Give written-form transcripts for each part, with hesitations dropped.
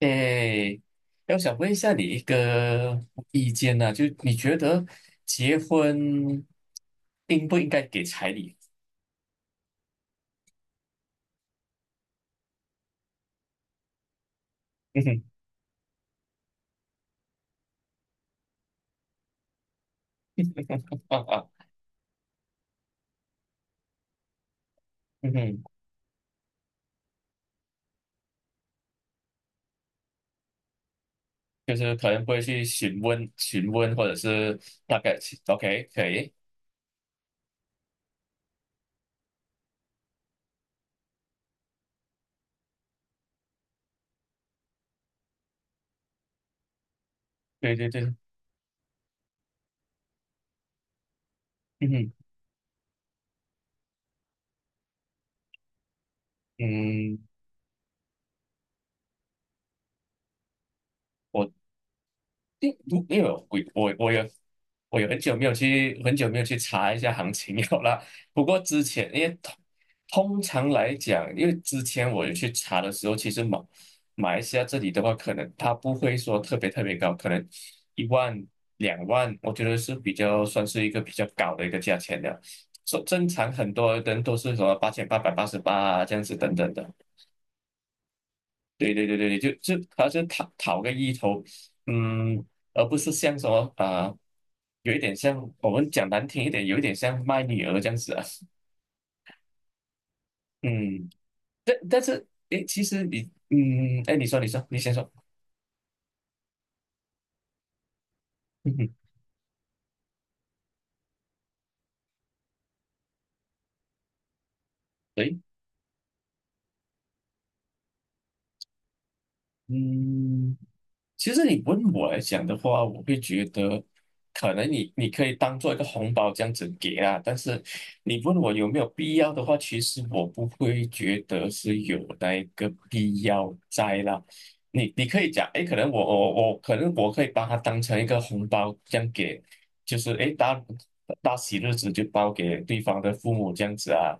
诶，哎我想问一下你一个意见呢、就你觉得结婚应不应该给彩礼？嗯哼，啊啊，嗯哼，就是可能不会去询问询问，或者是大概 OK 可以，对对对，嗯哼，嗯，因为我我有我有很久没有去查一下行情有啦。不过之前因为通常来讲，因为之前我有去查的时候，其实马来西亚这里的话，可能它不会说特别特别高，可能一万2万，我觉得是比较算是一个比较高的一个价钱的。说正常很多人都是什么八千八百八十八啊这样子等等的。对对对对对，就好像讨个意头，嗯，而不是像什么啊、有一点像我们讲难听一点，有一点像卖女儿这样子啊，嗯，但是诶，其实你，哎，你说，你先说，嗯对，嗯。其实你问我来讲的话，我会觉得，可能你可以当做一个红包这样子给啊，但是你问我有没有必要的话，其实我不会觉得是有那一个必要在啦。你可以讲，哎，可能我可以把它当成一个红包这样给，就是哎大喜日子就包给对方的父母这样子啊，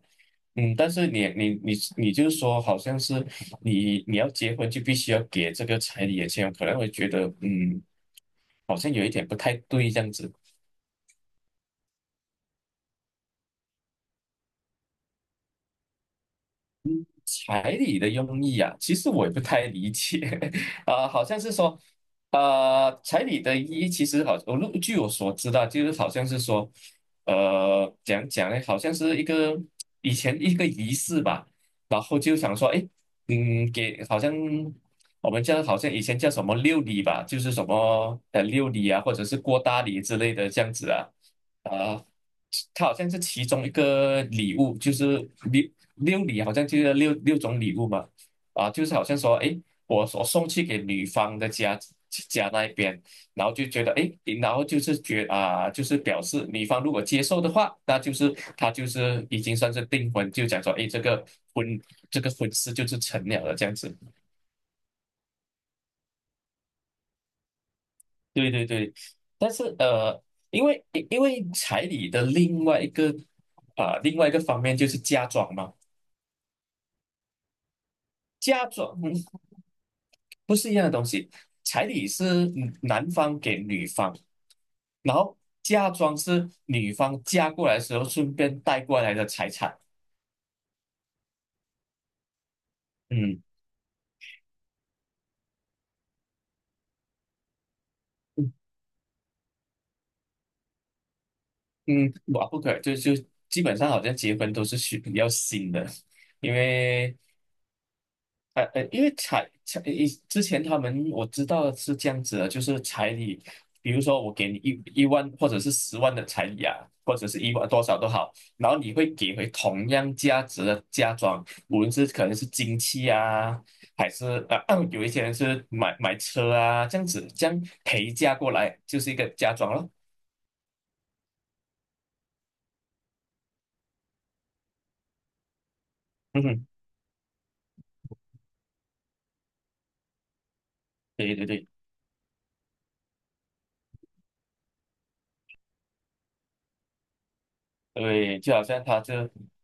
嗯，但是你就是说，好像是你要结婚就必须要给这个彩礼的钱，可能会觉得好像有一点不太对这样子。彩礼的用意啊，其实我也不太理解。啊、好像是说，彩礼的意义其实好，我据我所知道，就是好像是说，讲讲呢，好像是一个以前一个仪式吧，然后就想说，哎，给好像我们叫好像以前叫什么六礼吧，就是什么六礼啊，或者是过大礼之类的这样子啊，啊、它好像是其中一个礼物，就是六礼好像就是六种礼物嘛，啊，就是好像说，诶，我送去给女方的家那一边，然后就觉得，诶，然后就是觉啊，就是表示女方如果接受的话，那就是他就是已经算是订婚，就讲说，诶，婚这个婚事就是成了的这样子。对对对，但是因为因为彩礼的另外一个方面就是嫁妆嘛。嫁妆，不是一样的东西。彩礼是男方给女方，然后嫁妆是女方嫁过来的时候顺便带过来的财产。嗯嗯嗯，哇，不可以，就基本上好像结婚都是需比要新的，因为因为以之前他们我知道是这样子的，就是彩礼，比如说我给你一万或者是10万的彩礼啊，或者是一万多少都好，然后你会给回同样价值的嫁妆，无论是可能是金器啊，还是有一些人是买车啊，这样子这样陪嫁过来就是一个嫁妆咯。嗯哼，对对对。对，就好像他就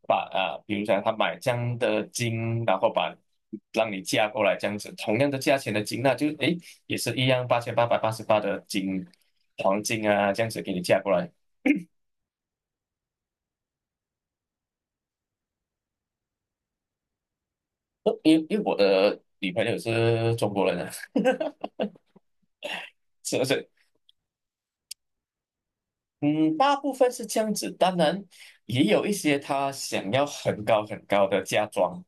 把啊，比如讲他买这样的金，然后把让你嫁过来这样子，同样的价钱的金，那就诶也是一样八千八百八十八的黄金啊，这样子给你嫁过来。因为我的女朋友是中国人啊，是不是？嗯，大部分是这样子，当然也有一些他想要很高很高的嫁妆，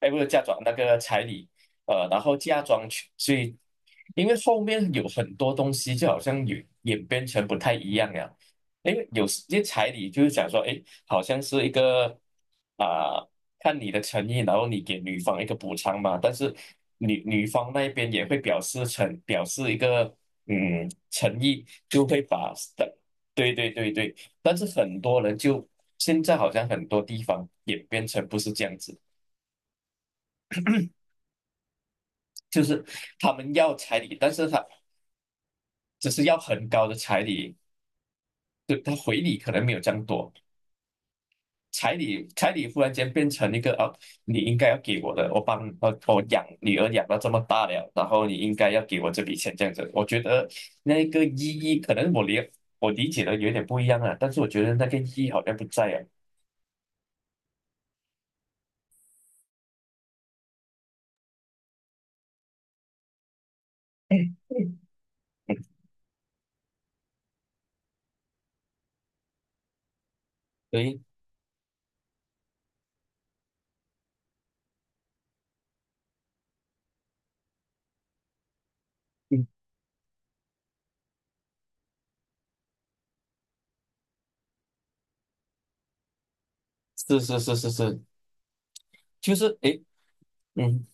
哎，不是嫁妆那个彩礼，然后嫁妆去，所以因为后面有很多东西，就好像演变成不太一样了。因为有些彩礼就是讲说，哎，好像是一个啊、看你的诚意，然后你给女方一个补偿嘛。但是女方那边也会表示一个诚意，就会把对对对对。但是很多人就现在好像很多地方演变成不是这样子。就是他们要彩礼，但是他只是要很高的彩礼，就他回礼可能没有这样多。彩礼忽然间变成一个啊，你应该要给我的，我帮我我养女儿养到这么大了，然后你应该要给我这笔钱这样子。我觉得那个意义可能我理解的有点不一样啊，但是我觉得那个意义好像不在啊。嗯嗯对，嗯，是是是是是，就是诶，嗯。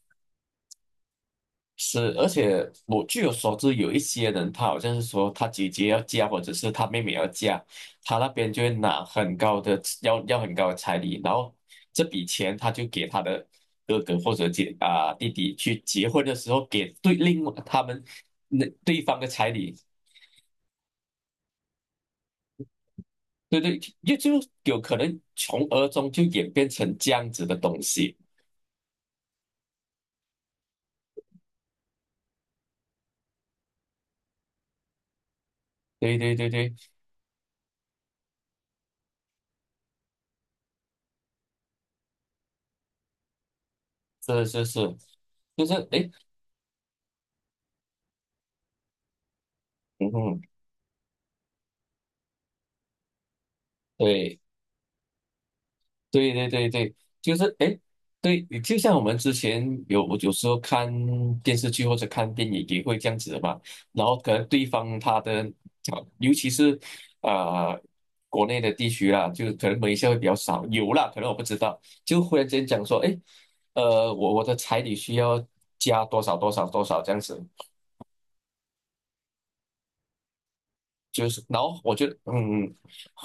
是，而且我据我所知，有一些人他好像是说他姐姐要嫁，或者是他妹妹要嫁，他那边就会拿很高的要要很高的彩礼，然后这笔钱他就给他的哥哥或者弟弟去结婚的时候给对另外他们那对方的彩礼，对对，也就有可能从而中就演变成这样子的东西。对对对对，是是是，就是诶，嗯哼，对。对对对对，就是哎，对，就像我们之前有时候看电视剧或者看电影也会这样子的嘛，然后可能对方他的，啊尤其是呃国内的地区啦，就是可能马来西亚会比较少，有啦，可能我不知道，就忽然间讲说，哎，我的彩礼需要加多少多少多少这样子，就是，然后我觉得，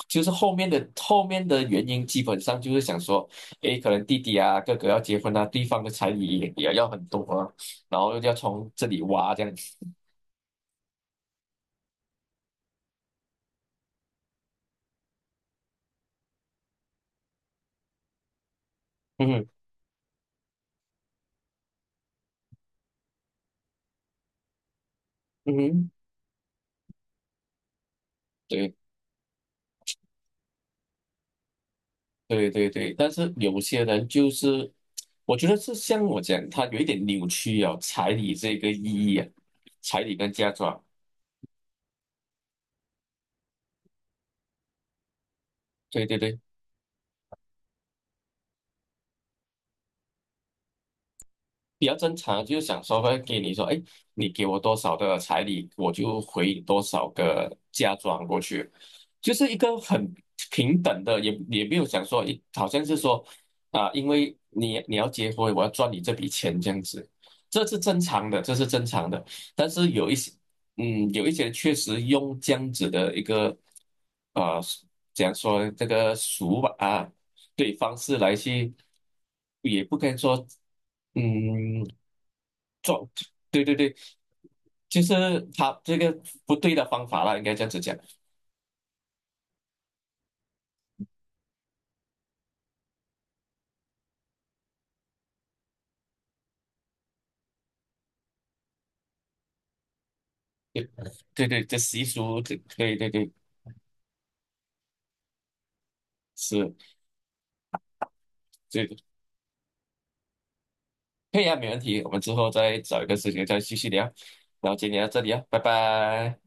就是后面的原因，基本上就是想说，诶，可能弟弟啊、哥哥要结婚啊，对方的彩礼也要很多啊，然后要从这里挖这样子，嗯哼嗯哼，对对对对，但是有些人就是，我觉得是像我讲，他有一点扭曲啊，彩礼这个意义啊，彩礼跟嫁妆，对对对。比较正常，就是想说会给你说，哎，你给我多少的彩礼，我就回你多少个嫁妆过去，就是一个很平等的，也没有想说，好像是说啊、因为你要结婚，我要赚你这笔钱这样子，这是正常的，这是正常的。但是有一些，有一些确实用这样子的一个，呃，讲说这个俗吧啊，对方式来去，也不该说。嗯，对对对，就是他这个不对的方法啦，应该这样子讲。对对对，这习俗，这对对对，是，这对，可以啊，没问题。我们之后再找一个时间再继续聊。然后今天到这里啊，拜拜。